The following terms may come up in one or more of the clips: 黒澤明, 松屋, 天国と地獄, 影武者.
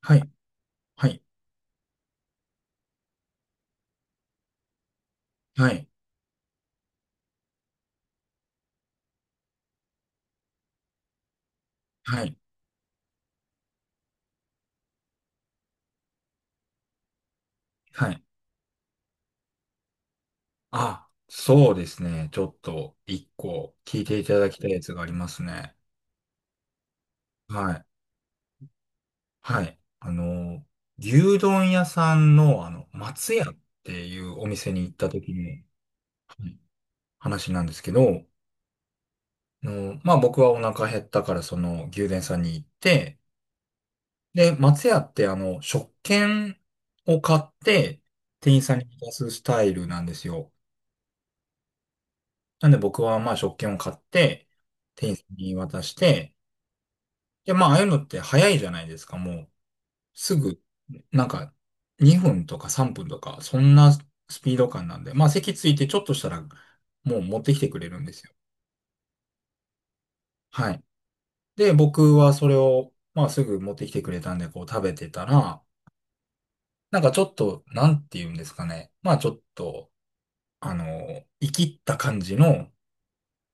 はい、はい、はい、はい、はい。あ、そうですね。ちょっと一個聞いていただきたいやつがありますね。はい、はい。牛丼屋さんの、松屋っていうお店に行った時に、はい、話なんですけど、まあ僕はお腹減ったから、その牛丼屋さんに行って、で、松屋って食券を買って、店員さんに渡すスタイルなんですよ。なんで僕はまあ食券を買って、店員さんに渡して、で、まあああいうのって早いじゃないですか、もう。すぐ、なんか2分とか3分とか、そんなスピード感なんで、まあ席ついてちょっとしたら、もう持ってきてくれるんですよ。はい。で、僕はそれを、まあすぐ持ってきてくれたんで、こう食べてたら、なんかちょっと、なんて言うんですかね。まあちょっと、生きった感じの、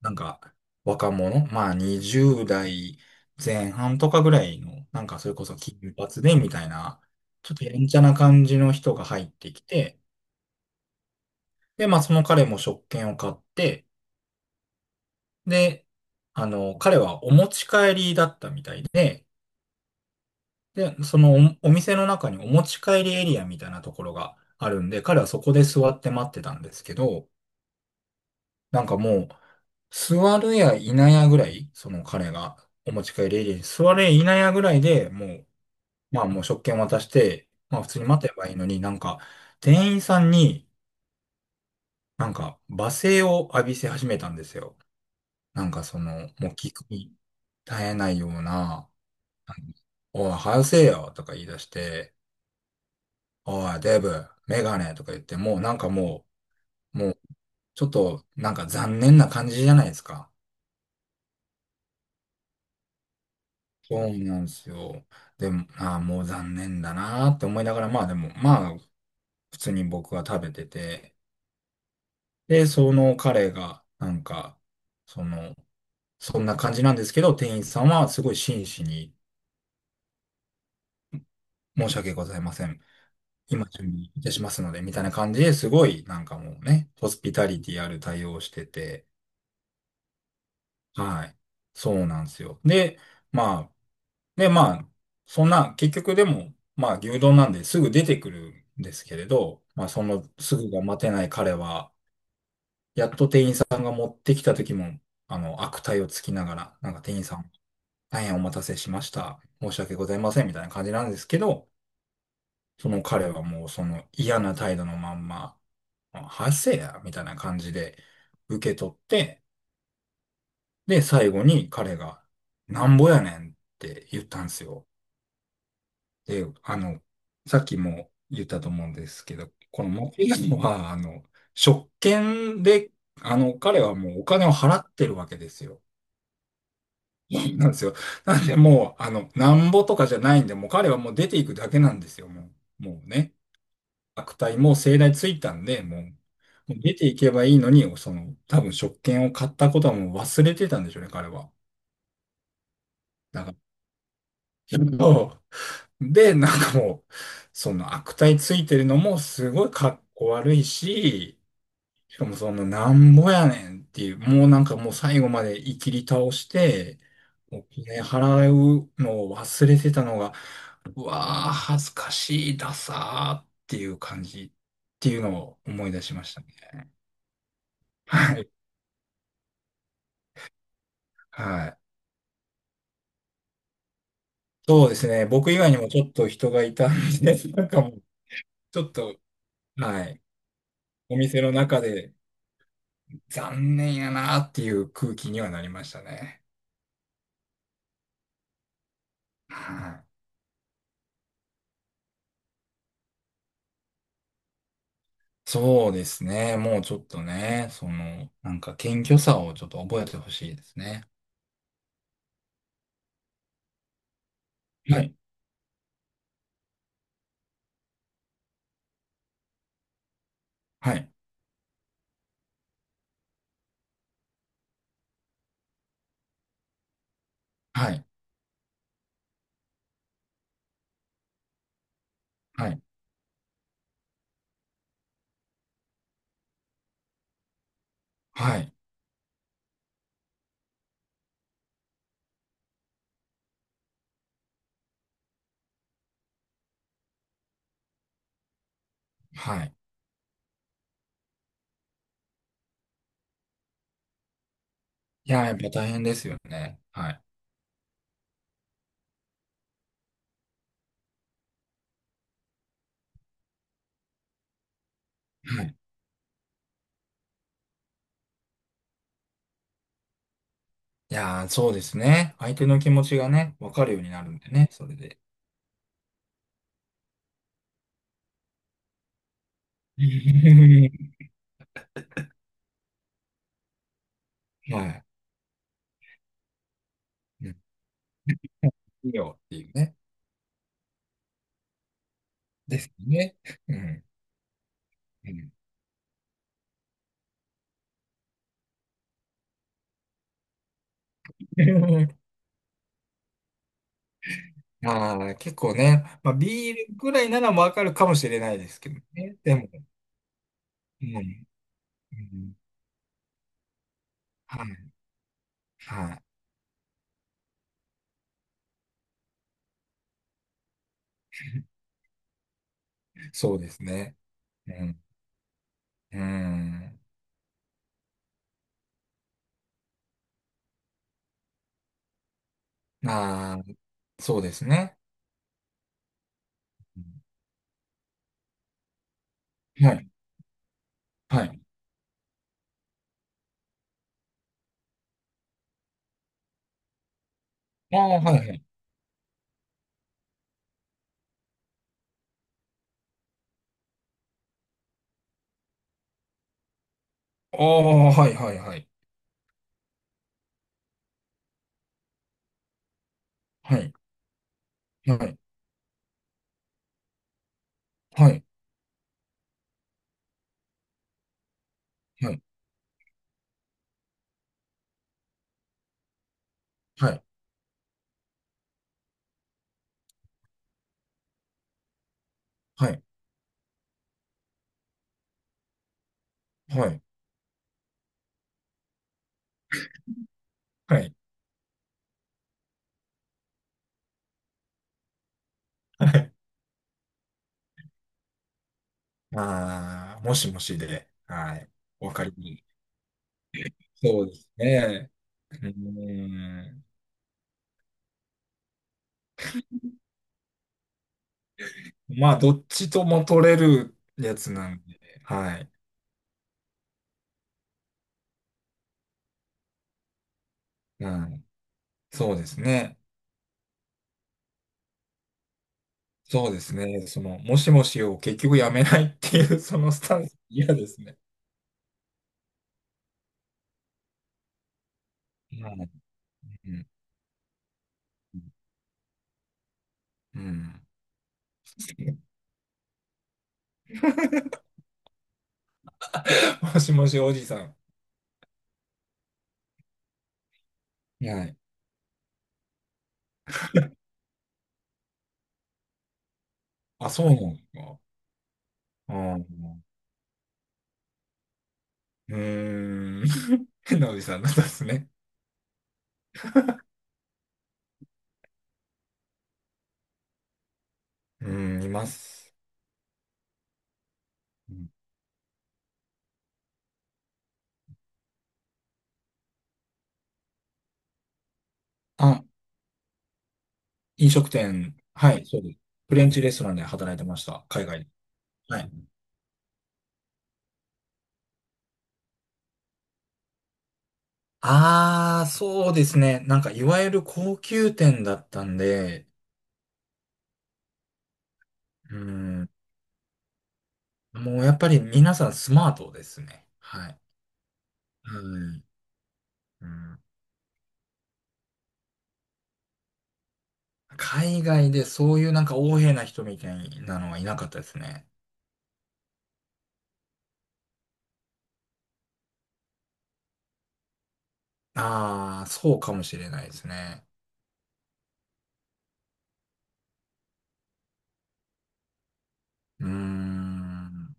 なんか、若者、まあ20代前半とかぐらいの、なんかそれこそ金髪でみたいな、ちょっとやんちゃな感じの人が入ってきて、で、まあその彼も食券を買って、で、彼はお持ち帰りだったみたいで、で、お店の中にお持ち帰りエリアみたいなところがあるんで、彼はそこで座って待ってたんですけど、なんかもう、座るやいなやぐらい、その彼がお持ち帰りエリアに座るやいなやぐらいでもう、まあもう食券渡して、まあ普通に待てばいいのになんか、店員さんになんか罵声を浴びせ始めたんですよ。なんかその、もう聞くに耐えないような、なんかおい、早せえよとか言い出して、おい、デブ、メガネとか言って、もうちょっとなんか残念な感じじゃないですか。そうなんですよ。でも、ああ、もう残念だなーって思いながら、まあでも、まあ、普通に僕は食べてて、で、その彼が、なんか、その、そんな感じなんですけど、店員さんはすごい真摯に、申し訳ございません。今準備いたしますので、みたいな感じですごい、なんかもうね、ホスピタリティある対応をしてて、はい。そうなんですよ。まあ、で、まあ、そんな、結局でも、まあ、牛丼なんですぐ出てくるんですけれど、まあ、そのすぐが待てない彼は、やっと手ってきた時も、悪態をつきながら、なんか店員さん、大変お待たせしました。申し訳ございません、みたいな感じなんですけど、その彼はもうその嫌な態度のまんま、はせや、みたいな感じで受け取って、で、最後に彼が、なんぼやねんって言ったんですよ。で、さっきも言ったと思うんですけど、このモキガモは、職権で、彼はもうお金を払ってるわけですよ。なんですよ。なんで、もう、なんぼとかじゃないんで、もう彼はもう出ていくだけなんですよ、もう。もうね。悪態も盛大ついたんで、もう、もう出ていけばいいのに、その、多分職権を買ったことはもう忘れてたんでしょうね、彼は。だから、で、なんかもう、その悪態ついてるのもすごいかっこ悪いし、しかもそのなんぼやねんっていう、もうなんかもう最後までいきり倒して、お金払うのを忘れてたのが、うわー、恥ずかしい、ダサーっていう感じっていうのを思い出しましたね。はい。はい。そうですね。僕以外にもちょっと人がいたんで、なんかもう、ちょっと、はい。お店の中で、残念やなっていう空気にはなりましたね。はい。そうですね。もうちょっとね、その、なんか謙虚さをちょっと覚えてほしいですね。はい。はい。はい。はい。はい。はい。いやー、やっぱ大変ですよね。はい。はい。いやー、そうですね。相手の気持ちがね、わかるようになるんでね、それで。はい。うん、いいよっていうね。ですね。うん。うん。 ああ、結構ね。まあ、ビールぐらいならわかるかもしれないですけどね。でも、うん、うん、はい、はい。そうですね。うん、うん。ああ、そうですね。うん、はい、はい。ああ、はい、はい。ああ、はい、はい、はい。はい、はい、はい、はい、はい、はい、はい、はい。はい、ああ、もしもしで、はい。わかりに。そうですね。うん、まあ、どっちとも取れるやつなんで、はい。うん。そうですね。そうですね。その、もしもしを結局やめないっていう、そのスタンス、嫌ですね。はい。うん。うん。もしもしおじさん。はい。あ、そうなんですか。あー。うーん。変なおじさんなんですね。うん、います。うん。あ、飲食店。はい、そうです。フレンチレストランで働いてました。海外で。はい。ああ、そうですね。なんか、いわゆる高級店だったんで、うん、もうやっぱり皆さんスマートですね。はい。うん、うん。海外でそういうなんか横柄な人みたいなのはいなかったですね。ああ、そうかもしれないですね。うーん。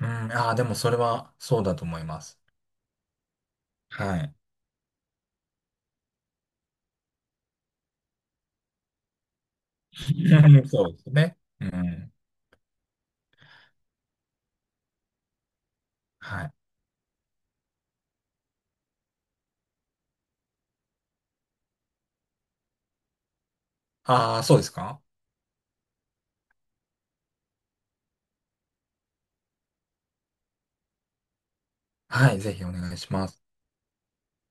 うん、ああ、でもそれはそうだと思います。はい。そうですね。うん。はい。ああ、そうですか。はい、ぜひお願いします。